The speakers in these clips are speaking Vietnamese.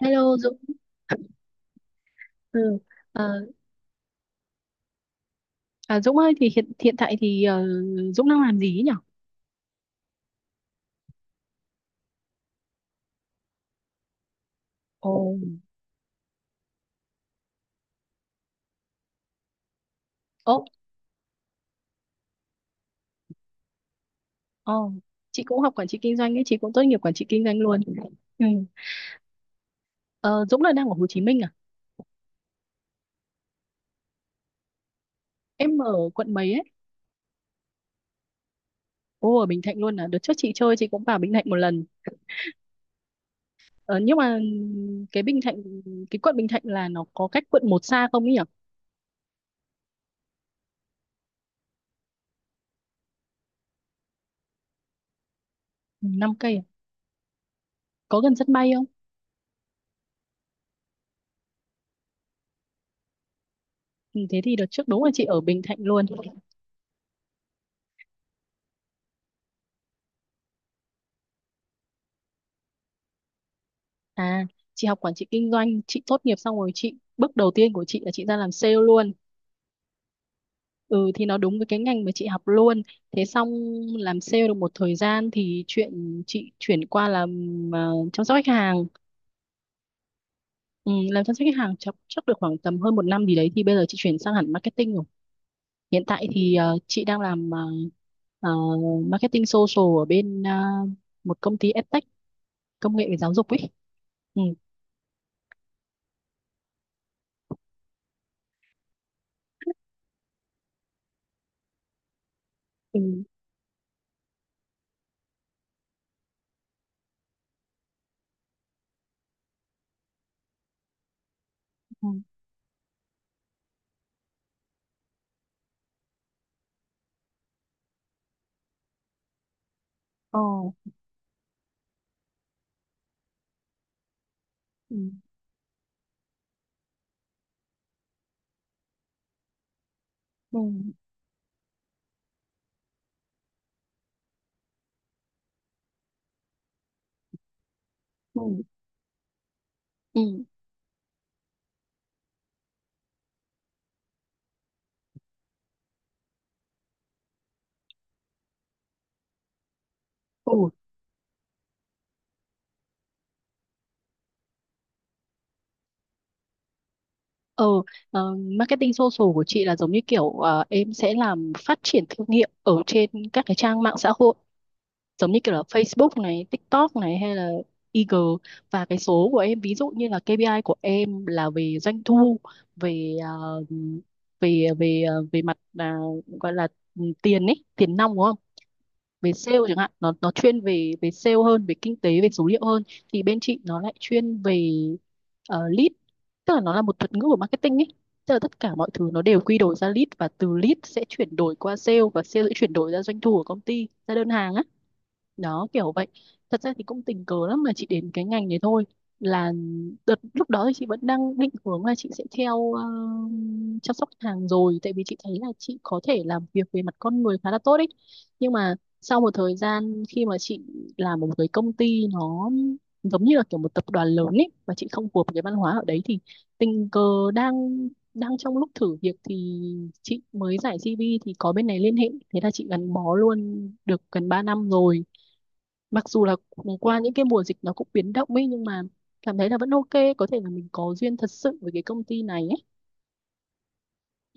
Hello Dũng. Ừ. Ờ, à, Dũng ơi thì hiện hiện tại thì Dũng đang làm gì ấy nhỉ? Ồ. Ồ, ồ. Chị cũng học quản trị kinh doanh ấy, chị cũng tốt nghiệp quản trị kinh doanh luôn. Ừ. Ờ, Dũng là đang ở Hồ Chí Minh à? Em ở quận mấy ấy? Ồ, ở Bình Thạnh luôn à? Đợt trước chị chơi chị cũng vào Bình Thạnh một lần. Ờ, nhưng mà cái Bình Thạnh cái quận Bình Thạnh là nó có cách quận một xa không ấy nhỉ? Năm cây à? Có gần sân bay không? Ừ, thế thì đợt trước đúng là chị ở Bình Thạnh luôn. À, chị học quản trị kinh doanh, chị tốt nghiệp xong rồi chị bước đầu tiên của chị là chị ra làm sale luôn. Ừ thì nó đúng với cái ngành mà chị học luôn. Thế xong làm sale được một thời gian thì chuyện chị chuyển qua làm chăm sóc khách hàng. Ừ, làm chăm sóc khách hàng chắc được khoảng tầm hơn một năm gì đấy thì bây giờ chị chuyển sang hẳn marketing rồi. Hiện tại thì chị đang làm ờ, marketing social ở bên một công ty edtech công nghệ về giáo dục ấy. Ừ. Ừ, ừ. Ờ. Ừ, ừ, ừ. Ừ. Ừ. Ờ, marketing social của chị là giống như kiểu em sẽ làm phát triển thương hiệu ở trên các cái trang mạng xã hội giống như kiểu là Facebook này, TikTok này hay là IG, và cái số của em ví dụ như là KPI của em là về doanh thu, về về mặt là gọi là ừ, tiền ấy, tiền nong đúng không? Về sale chẳng hạn, nó chuyên về về sale hơn, về kinh tế về số liệu hơn, thì bên chị nó lại chuyên về lead, tức là nó là một thuật ngữ của marketing ấy, tức là tất cả mọi thứ nó đều quy đổi ra lead, và từ lead sẽ chuyển đổi qua sale, và sale sẽ chuyển đổi ra doanh thu của công ty, ra đơn hàng á, đó kiểu vậy. Thật ra thì cũng tình cờ lắm mà chị đến cái ngành này thôi, là đợt lúc đó thì chị vẫn đang định hướng là chị sẽ theo chăm sóc khách hàng rồi, tại vì chị thấy là chị có thể làm việc về mặt con người khá là tốt ấy, nhưng mà sau một thời gian khi mà chị làm ở một cái công ty nó giống như là kiểu một tập đoàn lớn ấy, và chị không phù hợp với cái văn hóa ở đấy, thì tình cờ đang đang trong lúc thử việc thì chị mới giải CV thì có bên này liên hệ, thế là chị gắn bó luôn được gần 3 năm rồi, mặc dù là qua những cái mùa dịch nó cũng biến động ấy, nhưng mà cảm thấy là vẫn ok, có thể là mình có duyên thật sự với cái công ty này ấy.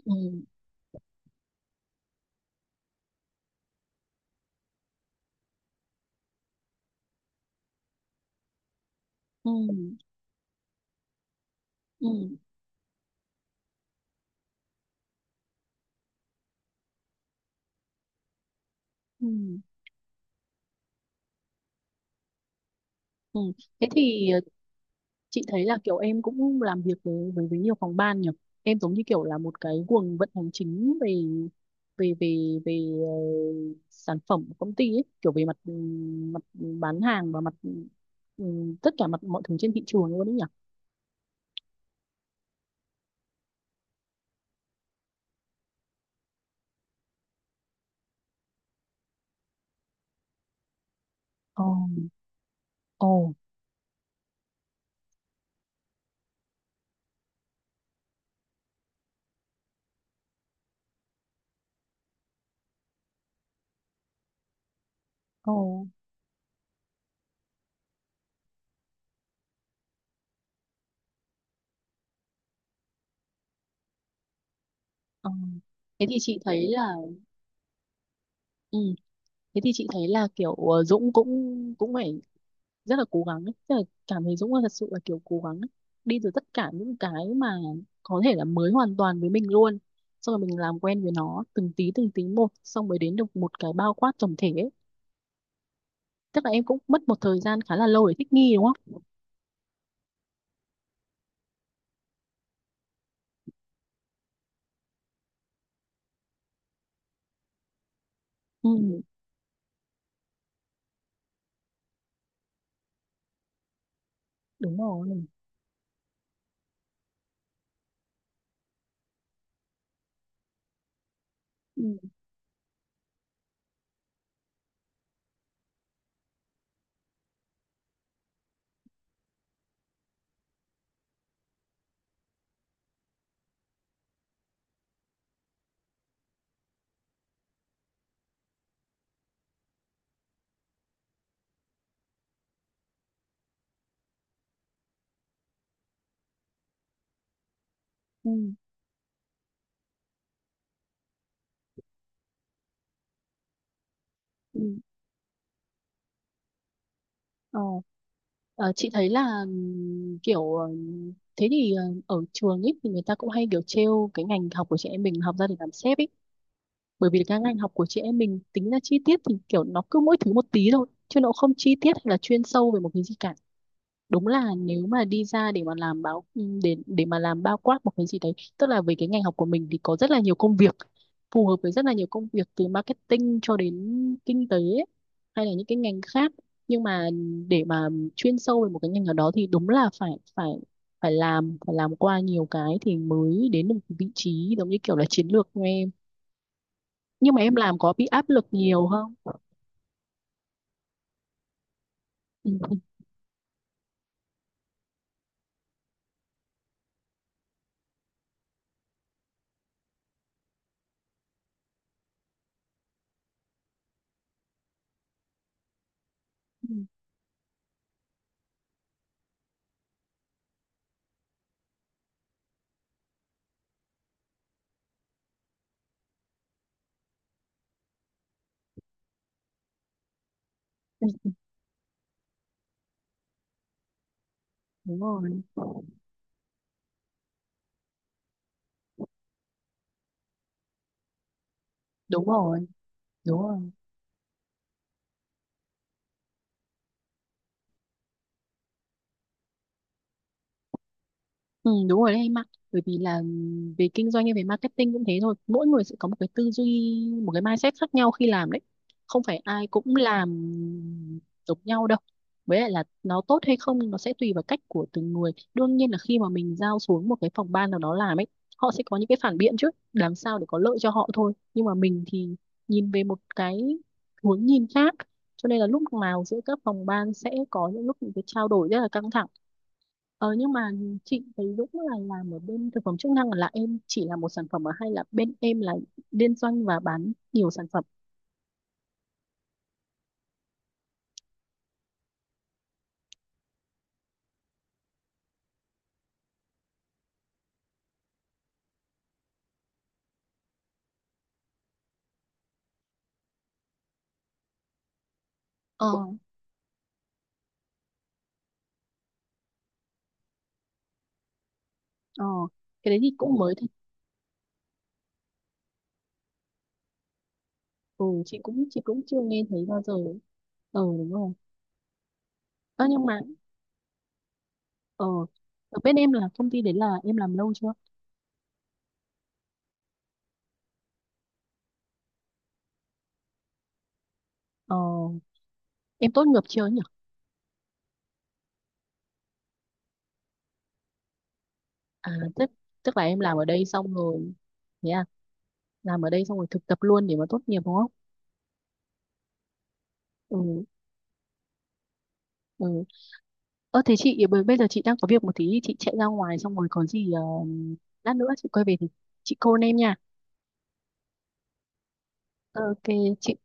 ừ, ừ, ừ, ừ. ừ. Thế thì chị thấy là kiểu em cũng làm việc với nhiều phòng ban nhỉ, em giống như kiểu là một cái guồng vận hành chính về về về về ờ, sản phẩm của công ty ấy, kiểu về mặt ừ, mặt bán hàng và mặt ừ, tất cả mặt mọi thứ trên thị trường luôn đấy nhỉ. Ồ, ồ, ồ. Ờ. Thế thì chị thấy là ừ, kiểu Dũng cũng cũng phải rất là cố gắng ấy. Tức là cảm thấy Dũng là thật sự là kiểu cố gắng ấy. Đi từ tất cả những cái mà có thể là mới hoàn toàn với mình luôn, xong rồi mình làm quen với nó từng tí một, xong mới đến được một cái bao quát tổng thể ấy. Tức là em cũng mất một thời gian khá là lâu để thích nghi đúng không? Ừ, đúng rồi. Ừ, ừ, ừ. Ờ, chị thấy là kiểu thế thì ờ, ở trường ấy thì người ta cũng hay kiểu trêu cái ngành học của chị em mình học ra để làm sếp ấy, bởi vì các ngành học của chị em mình tính ra chi tiết thì kiểu nó cứ mỗi thứ một tí thôi chứ nó không chi tiết hay là chuyên sâu về một cái gì cả. Đúng là nếu mà đi ra để mà làm báo ừ, để mà làm bao quát một cái gì đấy, tức là về cái ngành học của mình thì có rất là nhiều công việc, phù hợp với rất là nhiều công việc từ marketing cho đến kinh tế ấy, hay là những cái ngành khác, nhưng mà để mà chuyên sâu về một cái ngành nào đó thì đúng là phải phải phải làm, làm qua nhiều cái thì mới đến được vị trí giống như kiểu là chiến lược nghe, nhưng mà em làm có bị áp lực nhiều không? Ừ. Ừ, đúng rồi, đúng rồi, đúng rồi. Ừ, đúng rồi đấy em ạ, bởi vì là về kinh doanh hay về marketing cũng thế thôi, mỗi người sẽ có một cái tư duy, một cái mindset khác nhau khi làm đấy, không phải ai cũng làm giống nhau đâu, với lại là nó tốt hay không nó sẽ tùy vào cách của từng người. Đương nhiên là khi mà mình giao xuống một cái phòng ban nào đó làm ấy, họ sẽ có những cái phản biện chứ, làm sao để có lợi cho họ thôi, nhưng mà mình thì nhìn về một cái hướng nhìn khác, cho nên là lúc nào giữa các phòng ban sẽ có những lúc những cái trao đổi rất là căng thẳng. Ờ nhưng mà chị thấy Dũng là làm ở bên thực phẩm chức năng, là em chỉ làm một sản phẩm à? Hay là bên em là liên doanh và bán nhiều sản phẩm? Ờ, ờ cái đấy thì cũng mới thật. Ừ chị cũng chưa nghe thấy bao giờ. Ờ đúng rồi. Ờ nhưng mà ờ ở bên em là công ty đấy là em làm lâu chưa? Ờ em tốt nghiệp chưa nhỉ? À tức tức là em làm ở đây xong rồi thế à? Làm ở đây xong rồi thực tập luôn để mà tốt nghiệp đúng không? Ừ. Ừ. Ơ thế chị bởi- bây giờ chị đang có việc một tí chị chạy ra ngoài xong rồi có gì lát nữa chị quay về thì chị call em nha. Ờ, Ok chị.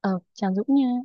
Ờ chào Dũng nha.